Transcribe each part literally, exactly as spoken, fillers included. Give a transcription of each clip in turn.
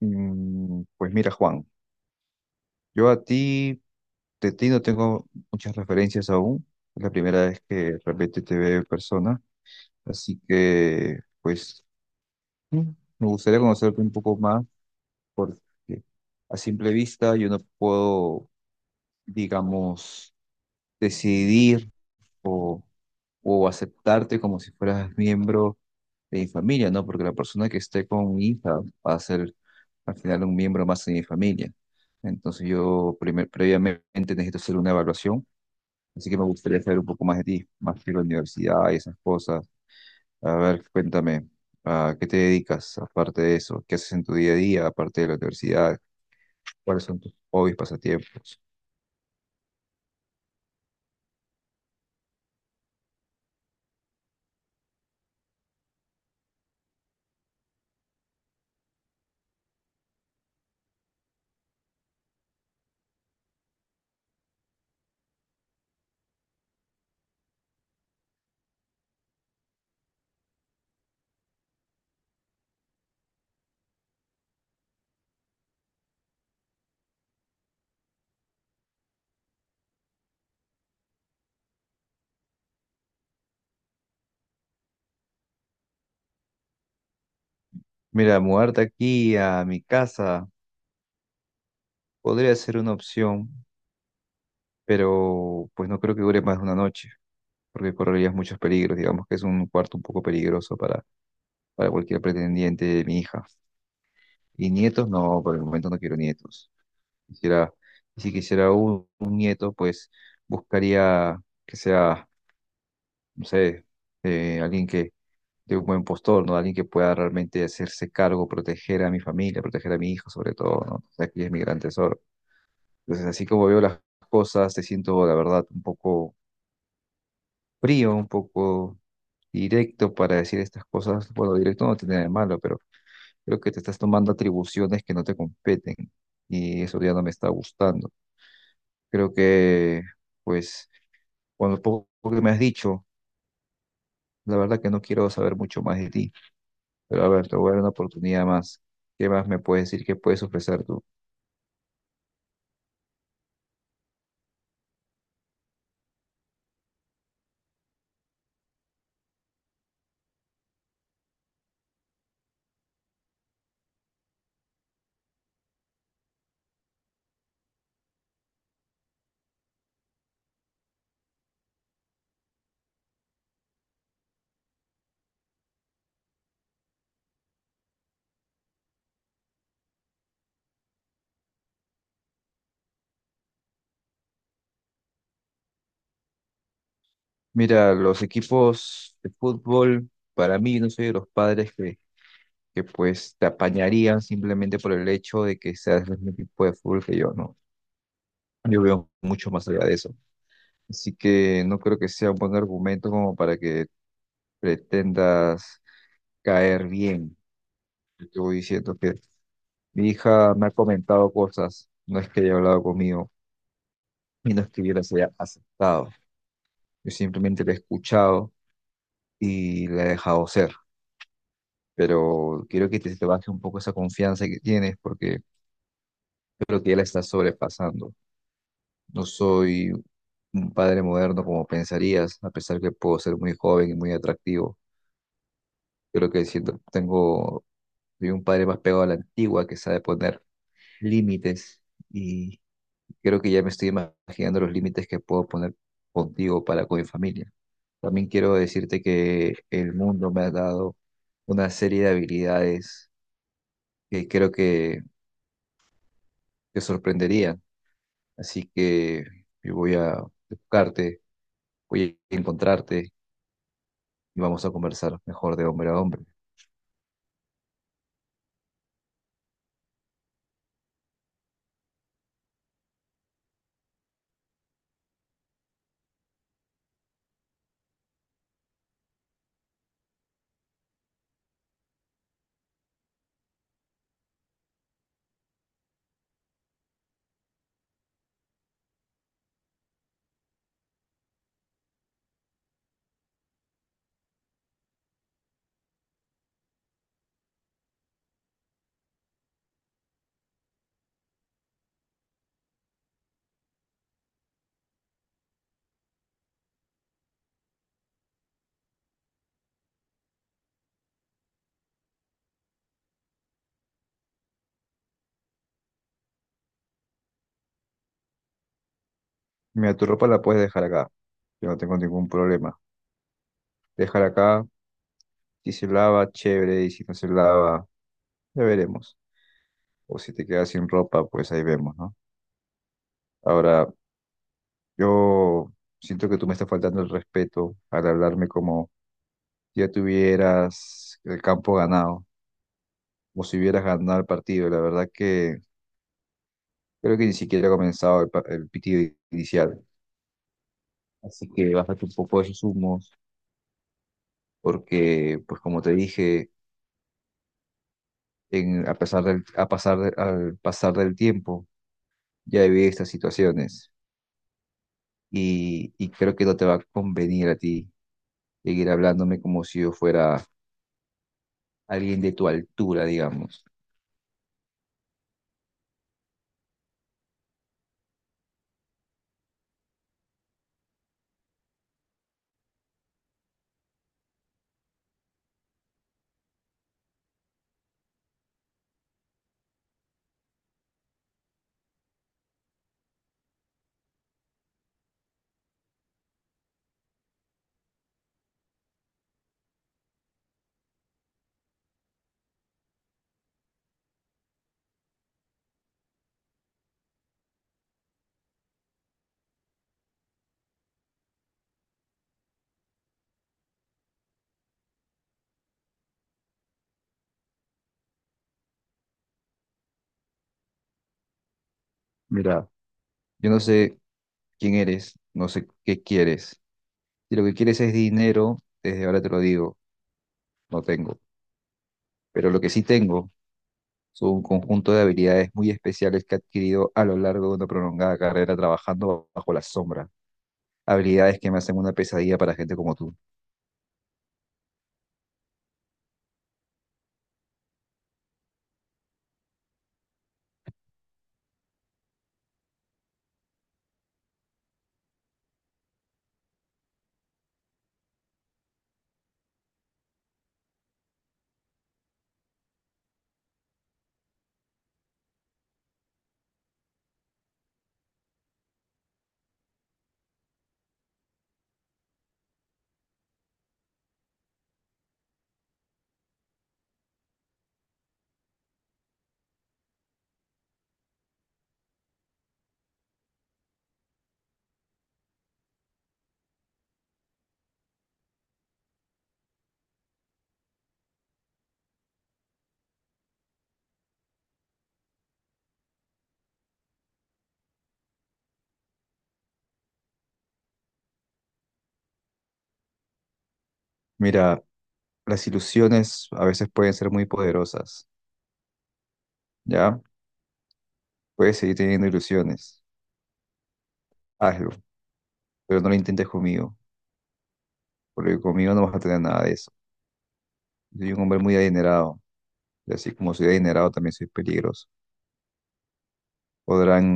Mm, Pues mira, Juan, yo a ti, de ti no tengo muchas referencias aún. Es la primera vez que realmente te veo en persona. Así que, pues, mm, me gustaría conocerte un poco más porque a simple vista yo no puedo, digamos, decidir. O aceptarte como si fueras miembro de mi familia, ¿no? Porque la persona que esté con mi hija va a ser al final un miembro más de mi familia. Entonces yo primer- previamente necesito hacer una evaluación, así que me gustaría saber un poco más de ti, más de la universidad y esas cosas. A ver, cuéntame, ¿a qué te dedicas aparte de eso? ¿Qué haces en tu día a día aparte de la universidad? ¿Cuáles son tus hobbies, pasatiempos? Mira, mudarte aquí a mi casa podría ser una opción, pero pues no creo que dure más de una noche, porque correrías muchos peligros, digamos que es un cuarto un poco peligroso para, para cualquier pretendiente de mi hija. Y nietos, no, por el momento no quiero nietos. Quisiera, y si quisiera un, un nieto, pues buscaría que sea, no sé, eh, alguien que, de un buen postor, ¿no? Alguien que pueda realmente hacerse cargo, proteger a mi familia, proteger a mi hijo sobre todo, ¿no? O sea, aquí es mi gran tesoro. Entonces, así como veo las cosas, te siento, la verdad, un poco frío, un poco directo para decir estas cosas. Bueno, directo no tiene nada de malo, pero creo que te estás tomando atribuciones que no te competen y eso ya no me está gustando. Creo que, pues, con lo poco que me has dicho, la verdad que no quiero saber mucho más de ti, pero a ver, te voy a dar una oportunidad más. ¿Qué más me puedes decir? ¿Qué puedes ofrecer tú? Mira, los equipos de fútbol, para mí, no soy de los padres que, que pues te apañarían simplemente por el hecho de que seas del mismo equipo de fútbol que yo, ¿no? Yo veo mucho más allá de eso. Así que no creo que sea un buen argumento como para que pretendas caer bien. Yo te voy diciendo que mi hija me ha comentado cosas, no es que haya hablado conmigo y no es que yo las haya aceptado. Yo simplemente la he escuchado y la he dejado ser. Pero quiero que te, te baje un poco esa confianza que tienes porque creo que ya la estás sobrepasando. No soy un padre moderno como pensarías, a pesar que puedo ser muy joven y muy atractivo. Creo que siento, tengo Soy un padre más pegado a la antigua que sabe poner límites y creo que ya me estoy imaginando los límites que puedo poner contigo para con mi familia. También quiero decirte que el mundo me ha dado una serie de habilidades que creo que te sorprenderían. Así que yo voy a buscarte, voy a encontrarte y vamos a conversar mejor de hombre a hombre. Mira, tu ropa la puedes dejar acá. Yo no tengo ningún problema. Déjala acá. Si se lava, chévere, y si no se lava, ya veremos. O si te quedas sin ropa, pues ahí vemos, ¿no? Ahora, yo siento que tú me estás faltando el respeto al hablarme como ya tuvieras el campo ganado, o si hubieras ganado el partido. La verdad que creo que ni siquiera ha comenzado el, pa- el pitido inicial. Así que bájate un poco de esos humos, porque, pues como te dije, en, a pesar del, a pasar de- al pasar del tiempo, ya viví estas situaciones. y, y creo que no te va a convenir a ti seguir hablándome como si yo fuera alguien de tu altura, digamos. Mira, yo no sé quién eres, no sé qué quieres. Si lo que quieres es dinero, desde ahora te lo digo, no tengo. Pero lo que sí tengo son un conjunto de habilidades muy especiales que he adquirido a lo largo de una prolongada carrera trabajando bajo la sombra. Habilidades que me hacen una pesadilla para gente como tú. Mira, las ilusiones a veces pueden ser muy poderosas, ¿ya? Puedes seguir teniendo ilusiones, hazlo, pero no lo intentes conmigo, porque conmigo no vas a tener nada de eso. Soy un hombre muy adinerado, y así como soy adinerado también soy peligroso. Podrán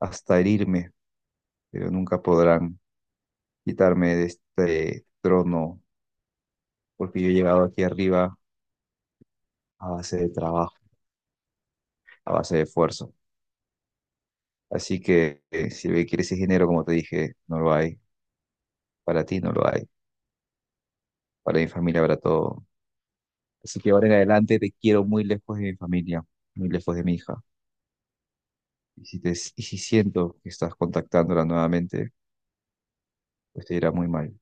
hasta herirme, pero nunca podrán quitarme de este trono, porque yo he llegado aquí arriba a base de trabajo, a base de esfuerzo. Así que eh, si lo que quieres ese dinero, como te dije, no lo hay. Para ti no lo hay. Para mi familia habrá todo. Así que ahora en adelante te quiero muy lejos de mi familia, muy lejos de mi hija. Y si, te, y si siento que estás contactándola nuevamente, pues te irá muy mal.